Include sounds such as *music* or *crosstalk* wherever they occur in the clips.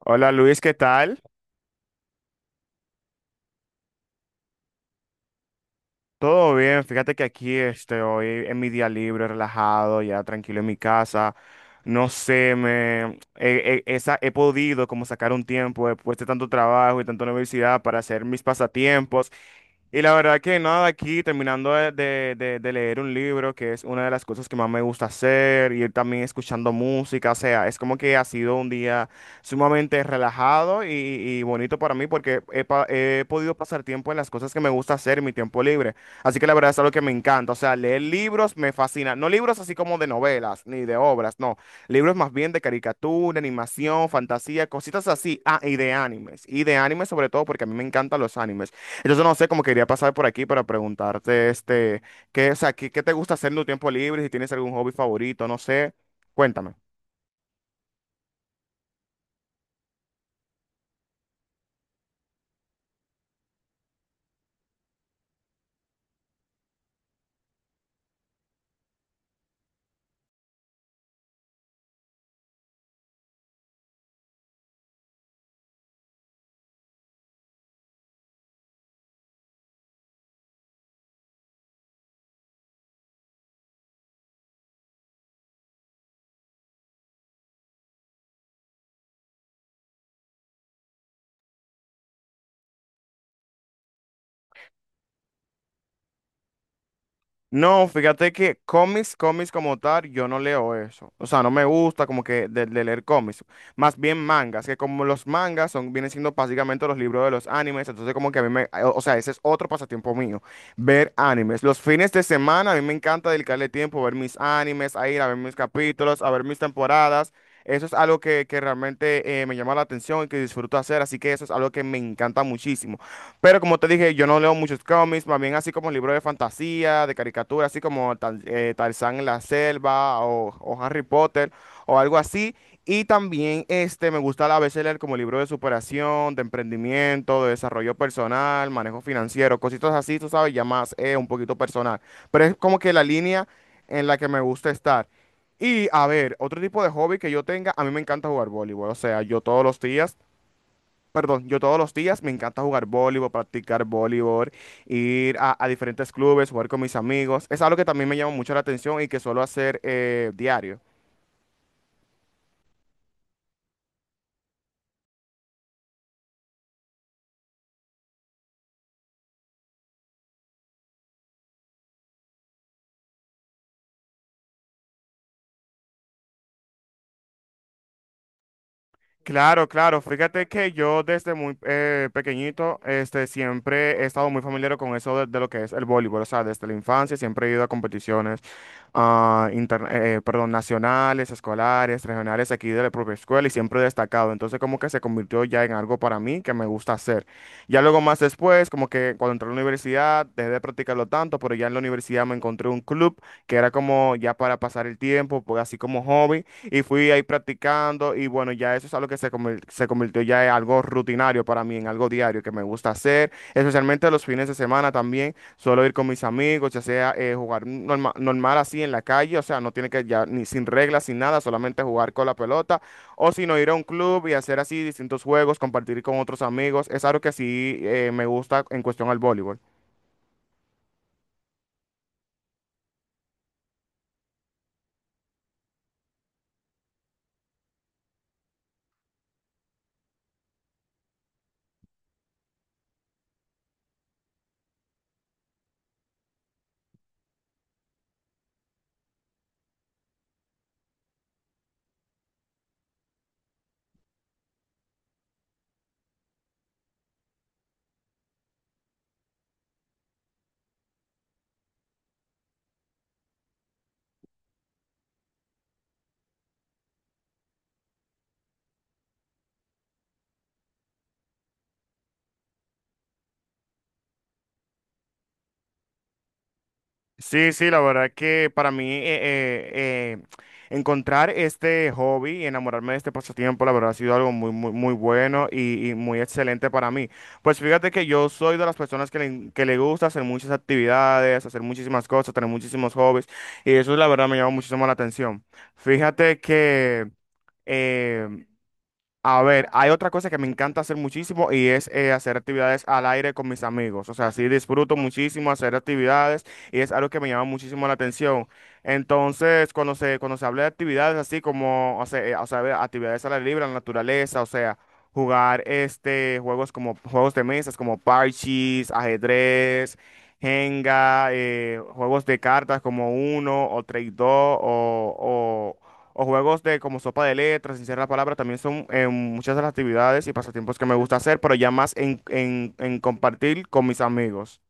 Hola Luis, ¿qué tal? Todo bien, fíjate que aquí hoy en mi día libre, relajado, ya tranquilo en mi casa. No sé, me he, he- esa, he podido como sacar un tiempo después de tanto trabajo y tanta universidad para hacer mis pasatiempos. Y la verdad que nada, aquí terminando de leer un libro, que es una de las cosas que más me gusta hacer, y también escuchando música. O sea, es como que ha sido un día sumamente relajado y bonito para mí porque he podido pasar tiempo en las cosas que me gusta hacer en mi tiempo libre. Así que la verdad es algo que me encanta. O sea, leer libros me fascina. No libros así como de novelas ni de obras, no. Libros más bien de caricatura, animación, fantasía, cositas así. Ah, y de animes. Y de animes sobre todo porque a mí me encantan los animes. Entonces no sé, cómo quería pasar por aquí para preguntarte, qué, o sea, qué, qué te gusta hacer en tu tiempo libre, si tienes algún hobby favorito, no sé. Cuéntame. No, fíjate que cómics, cómics como tal, yo no leo eso. O sea, no me gusta como que de leer cómics. Más bien mangas, que como los mangas son, vienen siendo básicamente los libros de los animes. Entonces como que a mí me, o sea, ese es otro pasatiempo mío, ver animes. Los fines de semana a mí me encanta dedicarle tiempo a ver mis animes, a ir a ver mis capítulos, a ver mis temporadas. Eso es algo que realmente me llama la atención y que disfruto hacer. Así que eso es algo que me encanta muchísimo. Pero como te dije, yo no leo muchos cómics, más bien así como libros de fantasía, de caricatura, así como Tarzán en la selva o Harry Potter o algo así. Y también me gusta a veces leer como libros de superación, de emprendimiento, de desarrollo personal, manejo financiero, cositas así, tú sabes, ya más un poquito personal. Pero es como que la línea en la que me gusta estar. Y a ver, otro tipo de hobby que yo tenga, a mí me encanta jugar voleibol. O sea, yo todos los días. Perdón, yo todos los días me encanta jugar voleibol, practicar voleibol, ir a diferentes clubes, jugar con mis amigos. Es algo que también me llama mucho la atención y que suelo hacer diario. Claro, claro. Fíjate que yo desde muy pequeñito, siempre he estado muy familiar con eso de lo que es el voleibol. O sea, desde la infancia siempre he ido a competiciones, perdón, nacionales, escolares, regionales aquí de la propia escuela, y siempre he destacado. Entonces, como que se convirtió ya en algo para mí que me gusta hacer. Ya luego más después, como que cuando entré a la universidad, dejé de practicarlo tanto, pero ya en la universidad me encontré un club que era como ya para pasar el tiempo, pues así como hobby, y fui ahí practicando. Y bueno, ya eso es algo que se convirtió ya en algo rutinario para mí, en algo diario que me gusta hacer, especialmente los fines de semana también, suelo ir con mis amigos, ya sea jugar normal así en la calle, o sea, no tiene que ya ni sin reglas, sin nada, solamente jugar con la pelota, o si no ir a un club y hacer así distintos juegos, compartir con otros amigos. Es algo que sí me gusta en cuestión al voleibol. Sí, sí, la verdad que para mí encontrar este hobby y enamorarme de este pasatiempo, la verdad ha sido algo muy, muy, muy bueno y muy excelente para mí. Pues fíjate que yo soy de las personas que le gusta hacer muchas actividades, hacer muchísimas cosas, tener muchísimos hobbies, y eso la verdad me llama muchísimo la atención. Fíjate que… eh, a ver, hay otra cosa que me encanta hacer muchísimo y es hacer actividades al aire con mis amigos. O sea, sí disfruto muchísimo hacer actividades y es algo que me llama muchísimo la atención. Entonces, cuando se habla de actividades así como, o sea, de actividades al aire libre, en la naturaleza, o sea, jugar juegos como juegos de mesas, como parches, ajedrez, Jenga, juegos de cartas como Uno o Trade 2 o, o juegos de como sopa de letras, sin ser la palabra, también son muchas de las actividades y pasatiempos que me gusta hacer, pero ya más en, en compartir con mis amigos.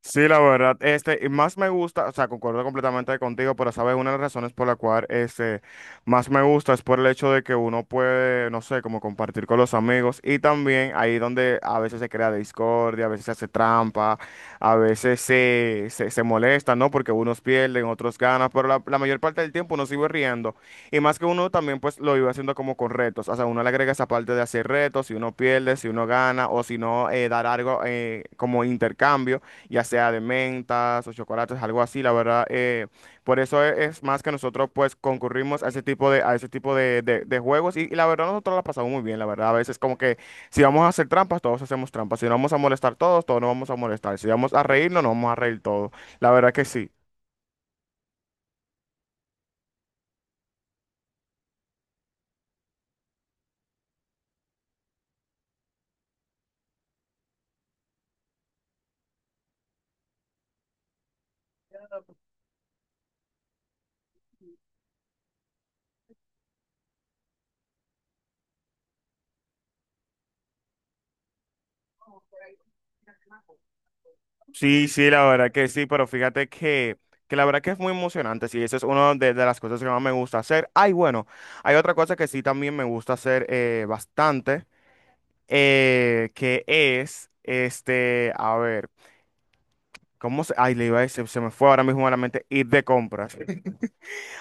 Sí, la verdad, y más me gusta, o sea, concuerdo completamente contigo, pero sabes, una de las razones por la cual, más me gusta es por el hecho de que uno puede, no sé, como compartir con los amigos. Y también ahí donde a veces se crea discordia, a veces se hace trampa, a veces se molesta, ¿no? Porque unos pierden, otros ganan, pero la mayor parte del tiempo uno sigue riendo. Y más que uno también, pues, lo iba haciendo como con retos, o sea, uno le agrega esa parte de hacer retos, si uno pierde, si uno gana, o si no, dar algo como intercambio, ya sea de mentas o chocolates, algo así, la verdad. Por eso es, más que nosotros pues concurrimos a ese tipo de, a ese tipo de juegos, y la verdad nosotros la pasamos muy bien, la verdad. A veces como que si vamos a hacer trampas, todos hacemos trampas. Si nos vamos a molestar todos, todos nos vamos a molestar. Si vamos a reírnos, nos vamos a reír todos. La verdad que sí. Sí, sí, la verdad que sí, pero fíjate que la verdad que es muy emocionante. Sí, eso es una de las cosas que más me gusta hacer. Ay, bueno, hay otra cosa que sí también me gusta hacer bastante. Que es, a ver, ¿cómo se? Ay, le iba a decir, se me fue ahora mismo a la mente, ir de compras.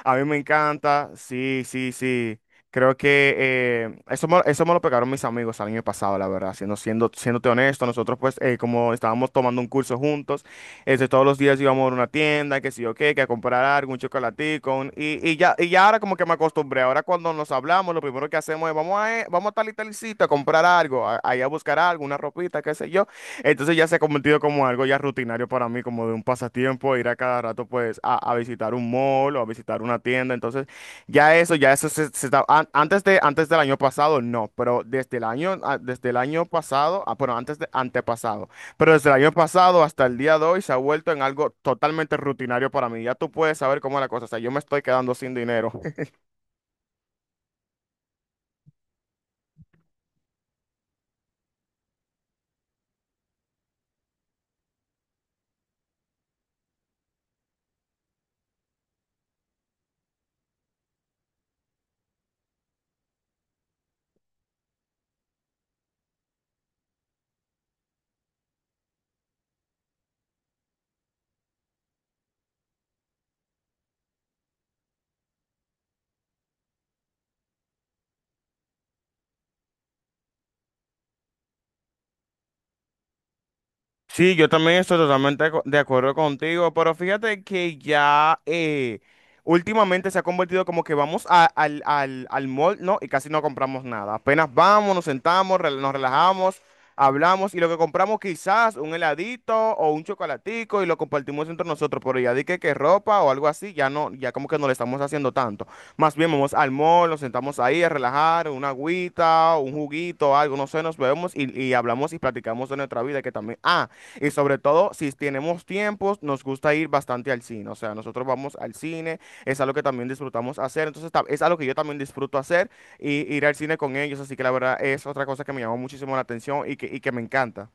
A mí me encanta, sí, sí, sí. Creo que eso me lo pegaron mis amigos el año pasado, la verdad. Siéndote honesto, nosotros pues como estábamos tomando un curso juntos, todos los días íbamos a una tienda, que sí o qué, que a comprar algo, un chocolatico, y ya ahora como que me acostumbré. Ahora cuando nos hablamos, lo primero que hacemos es vamos vamos a tal y tal sitio a comprar algo, a ir a buscar algo, una ropita, qué sé yo. Entonces ya se ha convertido como algo ya rutinario para mí, como de un pasatiempo, ir a cada rato pues a visitar un mall o a visitar una tienda. Entonces ya eso, antes antes del año pasado no, pero desde el año, ah, desde el año pasado, ah, bueno, antes de antepasado, pero desde el año pasado hasta el día de hoy se ha vuelto en algo totalmente rutinario para mí. Ya tú puedes saber cómo es la cosa, o sea, yo me estoy quedando sin dinero. Sí, yo también estoy totalmente de acuerdo contigo, pero fíjate que ya últimamente se ha convertido como que vamos al mall, ¿no? Y casi no compramos nada. Apenas vamos, nos sentamos, nos relajamos, hablamos, y lo que compramos quizás un heladito o un chocolatico y lo compartimos entre nosotros, pero ya di que ropa o algo así, ya no, ya como que no le estamos haciendo tanto. Más bien vamos al mall, nos sentamos ahí a relajar, una agüita, un juguito, algo, no sé, nos vemos y hablamos y platicamos de nuestra vida que también… Ah, y sobre todo, si tenemos tiempos, nos gusta ir bastante al cine. O sea, nosotros vamos al cine, es algo que también disfrutamos hacer. Entonces, es algo que yo también disfruto hacer y ir al cine con ellos. Así que la verdad es otra cosa que me llamó muchísimo la atención y que me encanta.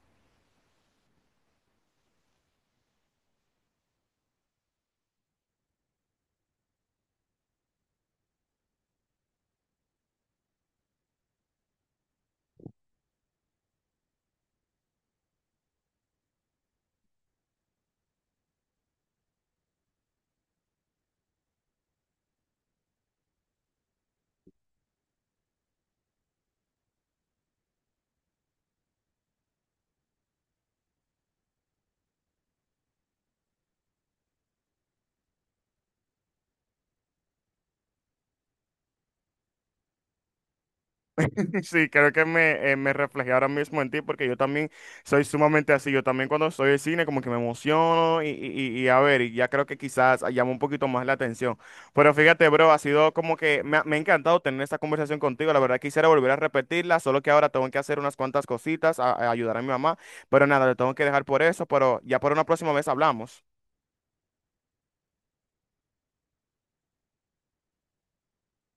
*laughs* Sí, creo que me reflejé ahora mismo en ti, porque yo también soy sumamente así. Yo también cuando estoy en cine como que me emociono y a ver, y ya creo que quizás llama un poquito más la atención. Pero fíjate, bro, ha sido como que me ha encantado tener esta conversación contigo. La verdad quisiera volver a repetirla, solo que ahora tengo que hacer unas cuantas cositas, a ayudar a mi mamá. Pero nada, le tengo que dejar por eso, pero ya por una próxima vez hablamos.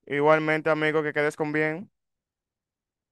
Igualmente, amigo, que quedes con bien.